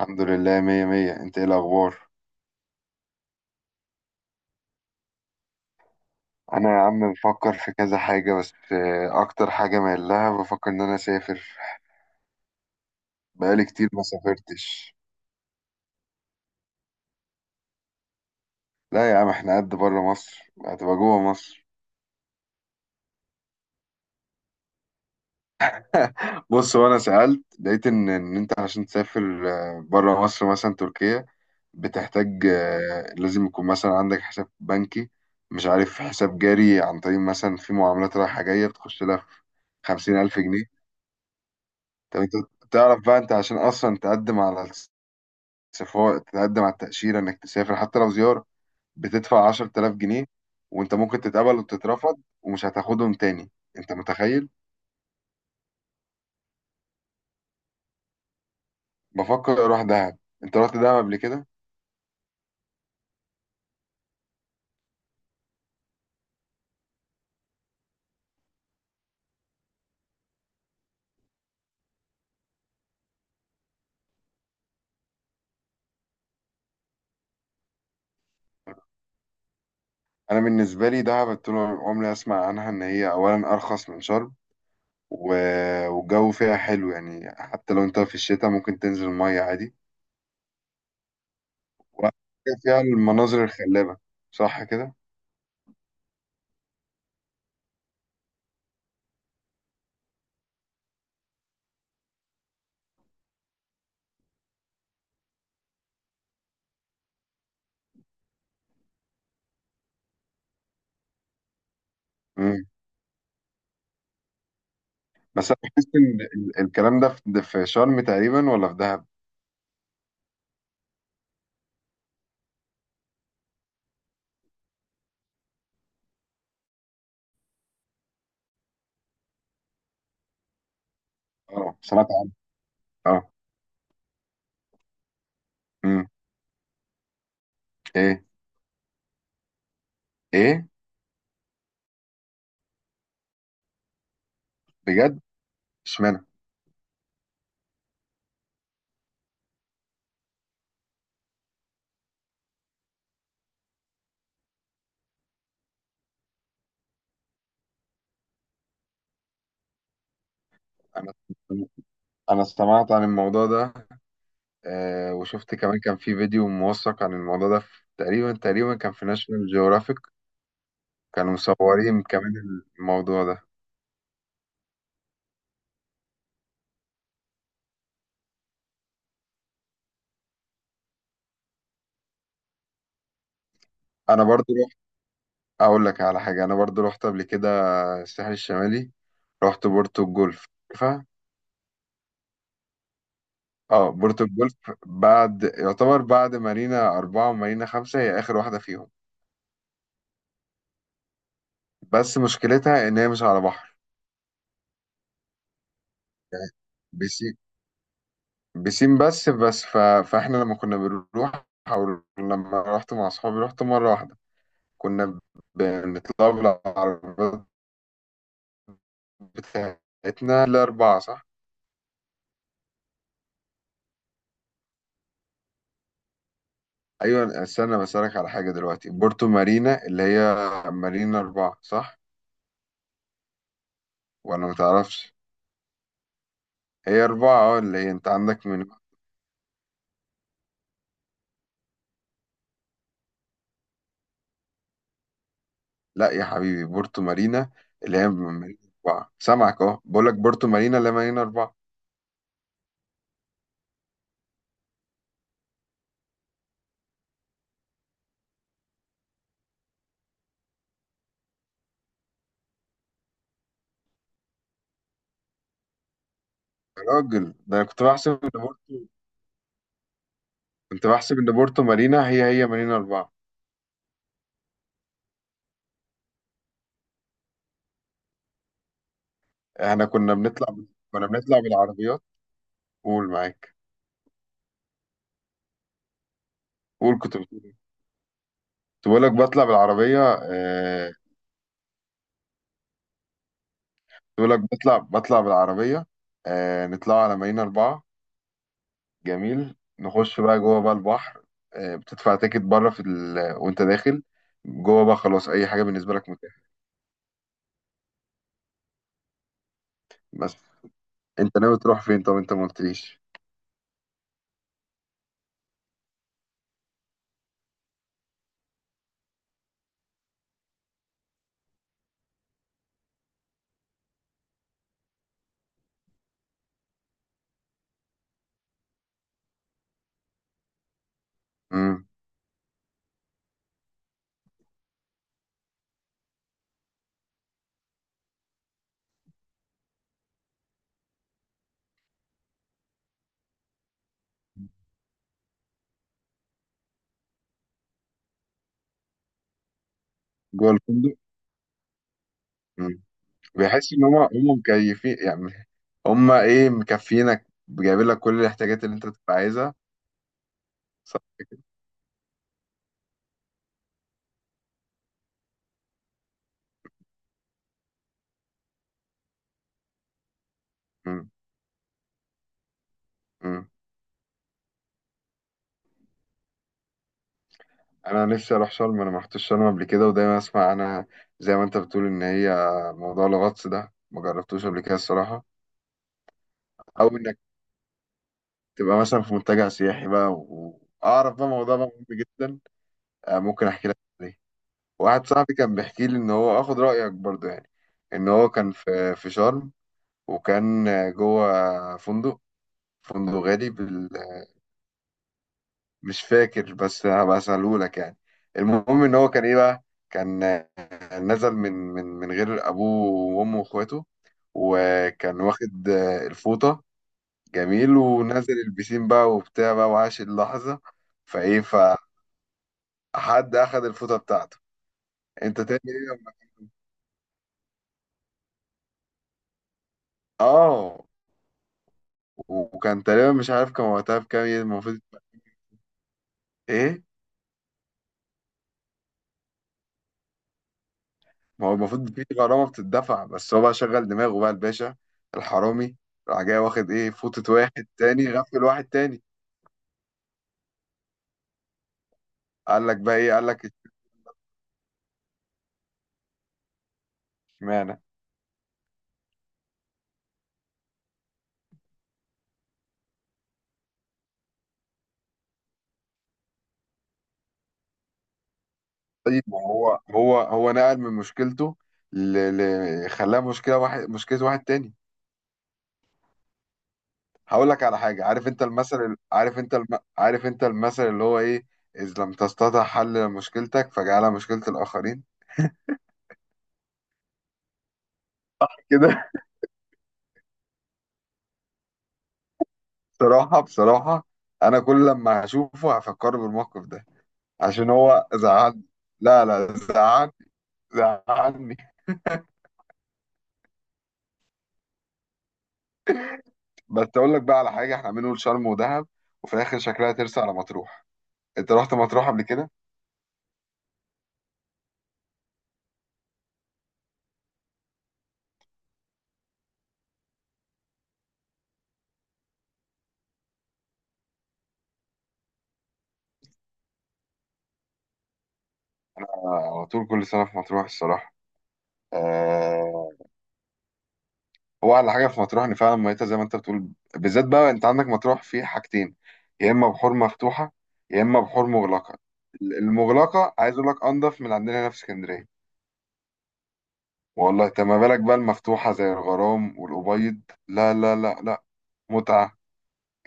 الحمد لله مية مية. انت ايه الاخبار؟ انا يا عم بفكر في كذا حاجة بس اكتر حاجة مايل لها، بفكر ان انا اسافر. بقالي كتير ما سافرتش. لا يا عم، احنا قد بره مصر هتبقى جوه مصر. بص، وانا سألت لقيت ان انت عشان تسافر بره مصر مثلا تركيا، بتحتاج لازم يكون مثلا عندك حساب بنكي، مش عارف حساب جاري، عن طريق مثلا في معاملات رايحة جاية بتخش لها في 50,000 جنيه. طب انت تعرف بقى انت عشان اصلا تقدم على سفارة، تتقدم على التأشيرة إنك تسافر حتى لو زيارة بتدفع 10,000 جنيه، وأنت ممكن تتقبل وتترفض ومش هتاخدهم تاني؟ أنت متخيل؟ بفكر أروح دهب. أنت رحت دهب قبل كده؟ أنا بالنسبة لي دهب طول عمري أسمع عنها إن هي أولا أرخص من شرم، و... والجو فيها حلو، يعني حتى لو أنت في الشتاء ممكن تنزل المية عادي، وفيها المناظر الخلابة. صح كده؟ مم. بس أنا بحس إن الكلام ده في شرم تقريبا ولا في دهب؟ أه، سمعت عنه. أه. ايه. ايه. بجد؟ اشمعنى؟ انا انا سمعت عن الموضوع ده. آه، وشفت كمان كان في فيديو موثق عن الموضوع ده، في تقريبا كان في ناشونال جيوغرافيك، كانوا مصورين كمان. الموضوع ده، انا برضو رحت، اقول لك على حاجه، انا برضو رحت قبل كده الساحل الشمالي، رحت بورتو الجولف. عارفها؟ اه، بورتو الجولف، بعد، يعتبر بعد مارينا 4 ومارينا 5، هي آخر واحدة فيهم. بس مشكلتها إن هي مش على بحر، بس بسين بس فاحنا لما كنا بنروح، او لما رحت مع اصحابي رحت مره واحده، كنا بنطلع بالعربيات بتاعتنا الـ4. صح؟ ايوه، استنى بسالك على حاجه دلوقتي، بورتو مارينا اللي هي مارينا 4، صح ولا ما تعرفش؟ هي اربعه، اه، اللي هي انت عندك من، لا يا حبيبي، بورتو مارينا اللي هي من مارينا 4، سامعك، اهو بقول لك بورتو مارينا اللي هي مارينا اربعه. يا راجل، ده انا كنت بحسب ان بورتو، كنت بحسب ان بورتو مارينا هي هي مارينا 4. احنا كنا كنا بنطلع بالعربيات. قول معاك. قول، كنت بتقول إيه؟ كنت بقول لك بطلع بالعربية كنت بقول لك بطلع بالعربية، نطلع على مارينا 4، جميل، نخش بقى جوه بقى البحر، بتدفع تيكت بره في وانت داخل جوه بقى، خلاص اي حاجة بالنسبة لك متاحة. بس انت ناوي تروح فين؟ طب انت ما قلتليش. مم. جوه الفندق. مم. بيحس ان هم مكيفين يعني، هما ايه، مكفينك، جايبين لك كل الاحتياجات اللي انت بتبقى عايزها. صح. مم. مم. انا نفسي اروح شرم، انا ما رحتش شرم قبل كده، ودايما اسمع انا زي ما انت بتقول ان هي موضوع الغطس ده ما جربتوش قبل كده الصراحه، او انك تبقى مثلا في منتجع سياحي بقى واعرف بقى موضوع بقى مهم جدا. آه، ممكن احكي لك عليه. واحد صاحبي كان بيحكي لي ان هو اخد رايك برضو يعني، ان هو كان في شرم، وكان جوه فندق، فندق غالي، مش فاكر بس هبقى اساله لك يعني. المهم ان هو كان ايه بقى، كان، نزل من غير ابوه وامه واخواته، وكان واخد الفوطه، جميل، ونزل البسين بقى وبتاع بقى وعاش اللحظه. فايه، فحد اخد الفوطه بتاعته. انت تاني ايه لما، اه، وكان تقريبا مش عارف كان وقتها بكام يعني المفروض، ايه. ما هو المفروض في غرامة بتدفع، بس هو بقى شغل دماغه بقى الباشا الحرامي، راح جاي واخد ايه، فوطة واحد تاني، غفل واحد تاني. قال لك بقى ايه، قال لك اشمعنى؟ طيب، ما هو هو هو نقل من مشكلته ل... خلاها مشكلة واحد، مشكلة واحد تاني. هقول لك على حاجة، عارف انت المثل، عارف انت عارف انت المثل اللي هو ايه، إذ لم تستطع حل مشكلتك فاجعلها مشكلة الآخرين. كده. بصراحة، بصراحة أنا كل لما هشوفه هفكر بالموقف ده، عشان هو زعلني. لا لا، زعلني، زعلني. بس اقول لك بقى على حاجه، احنا عاملين نقول شرم ودهب، وفي الاخر شكلها ترسى على مطروح. انت رحت مطروح قبل كده؟ آه، على طول، كل سنه في مطروح الصراحه. آه. هو احلى حاجه في مطروح ان فعلا ميتها زي ما انت بتقول. بالذات بقى انت عندك مطروح في حاجتين، يا اما بحور مفتوحه يا اما بحور مغلقه. المغلقه عايز اقول لك انضف من عندنا هنا في اسكندريه. والله. انت ما بالك بقى المفتوحه زي الغرام والابيض؟ لا لا لا لا، متعه.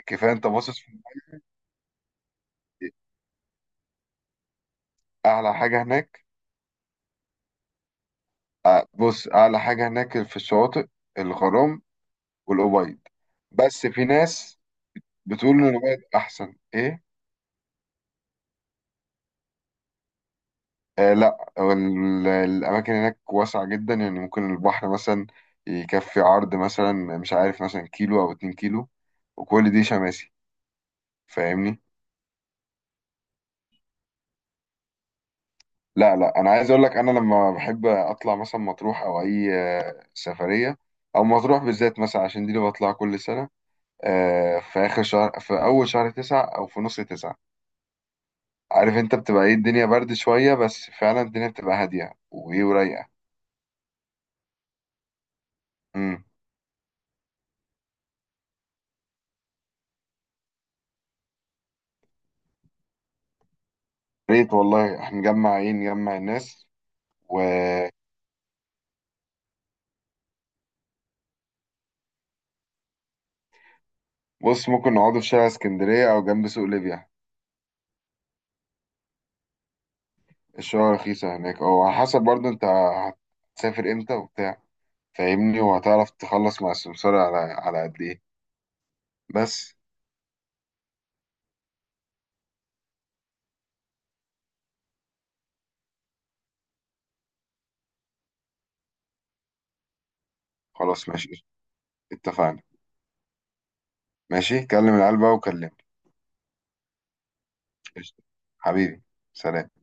كفايه انت باصص في الناحيتين. اعلى حاجه هناك. بص، اعلى حاجه هناك في الشواطئ، الغرام والأبيض. بس في ناس بتقول ان الأبيض احسن. ايه، آه. لا، هو الاماكن هناك واسعه جدا، يعني ممكن البحر مثلا يكفي عرض مثلا مش عارف مثلا كيلو او 2 كيلو، وكل دي شماسي. فاهمني؟ لا لا، انا عايز اقول لك انا لما بحب اطلع مثلا مطروح او اي سفريه، او مطروح بالذات مثلا عشان دي اللي بطلع كل سنه، آه، في آخر شهر، في أول شهر 9 أو في نص 9، عارف أنت بتبقى إيه، الدنيا برد شوية، بس فعلا الدنيا بتبقى هادية وإيه ورايقة. أمم. ريت والله، إحنا نجمع إيه، نجمع الناس. وبص. ممكن نقعدوا في شارع اسكندرية أو جنب سوق ليبيا، الشوارع رخيصة هناك، أو على حسب برضه أنت هتسافر إمتى وبتاع، فاهمني، وهتعرف تخلص مع السمسار على على قد إيه. بس خلاص، ماشي. اتفقنا. ماشي، كلم العيال بقى وكلمني. قشطة. حبيبي، سلام.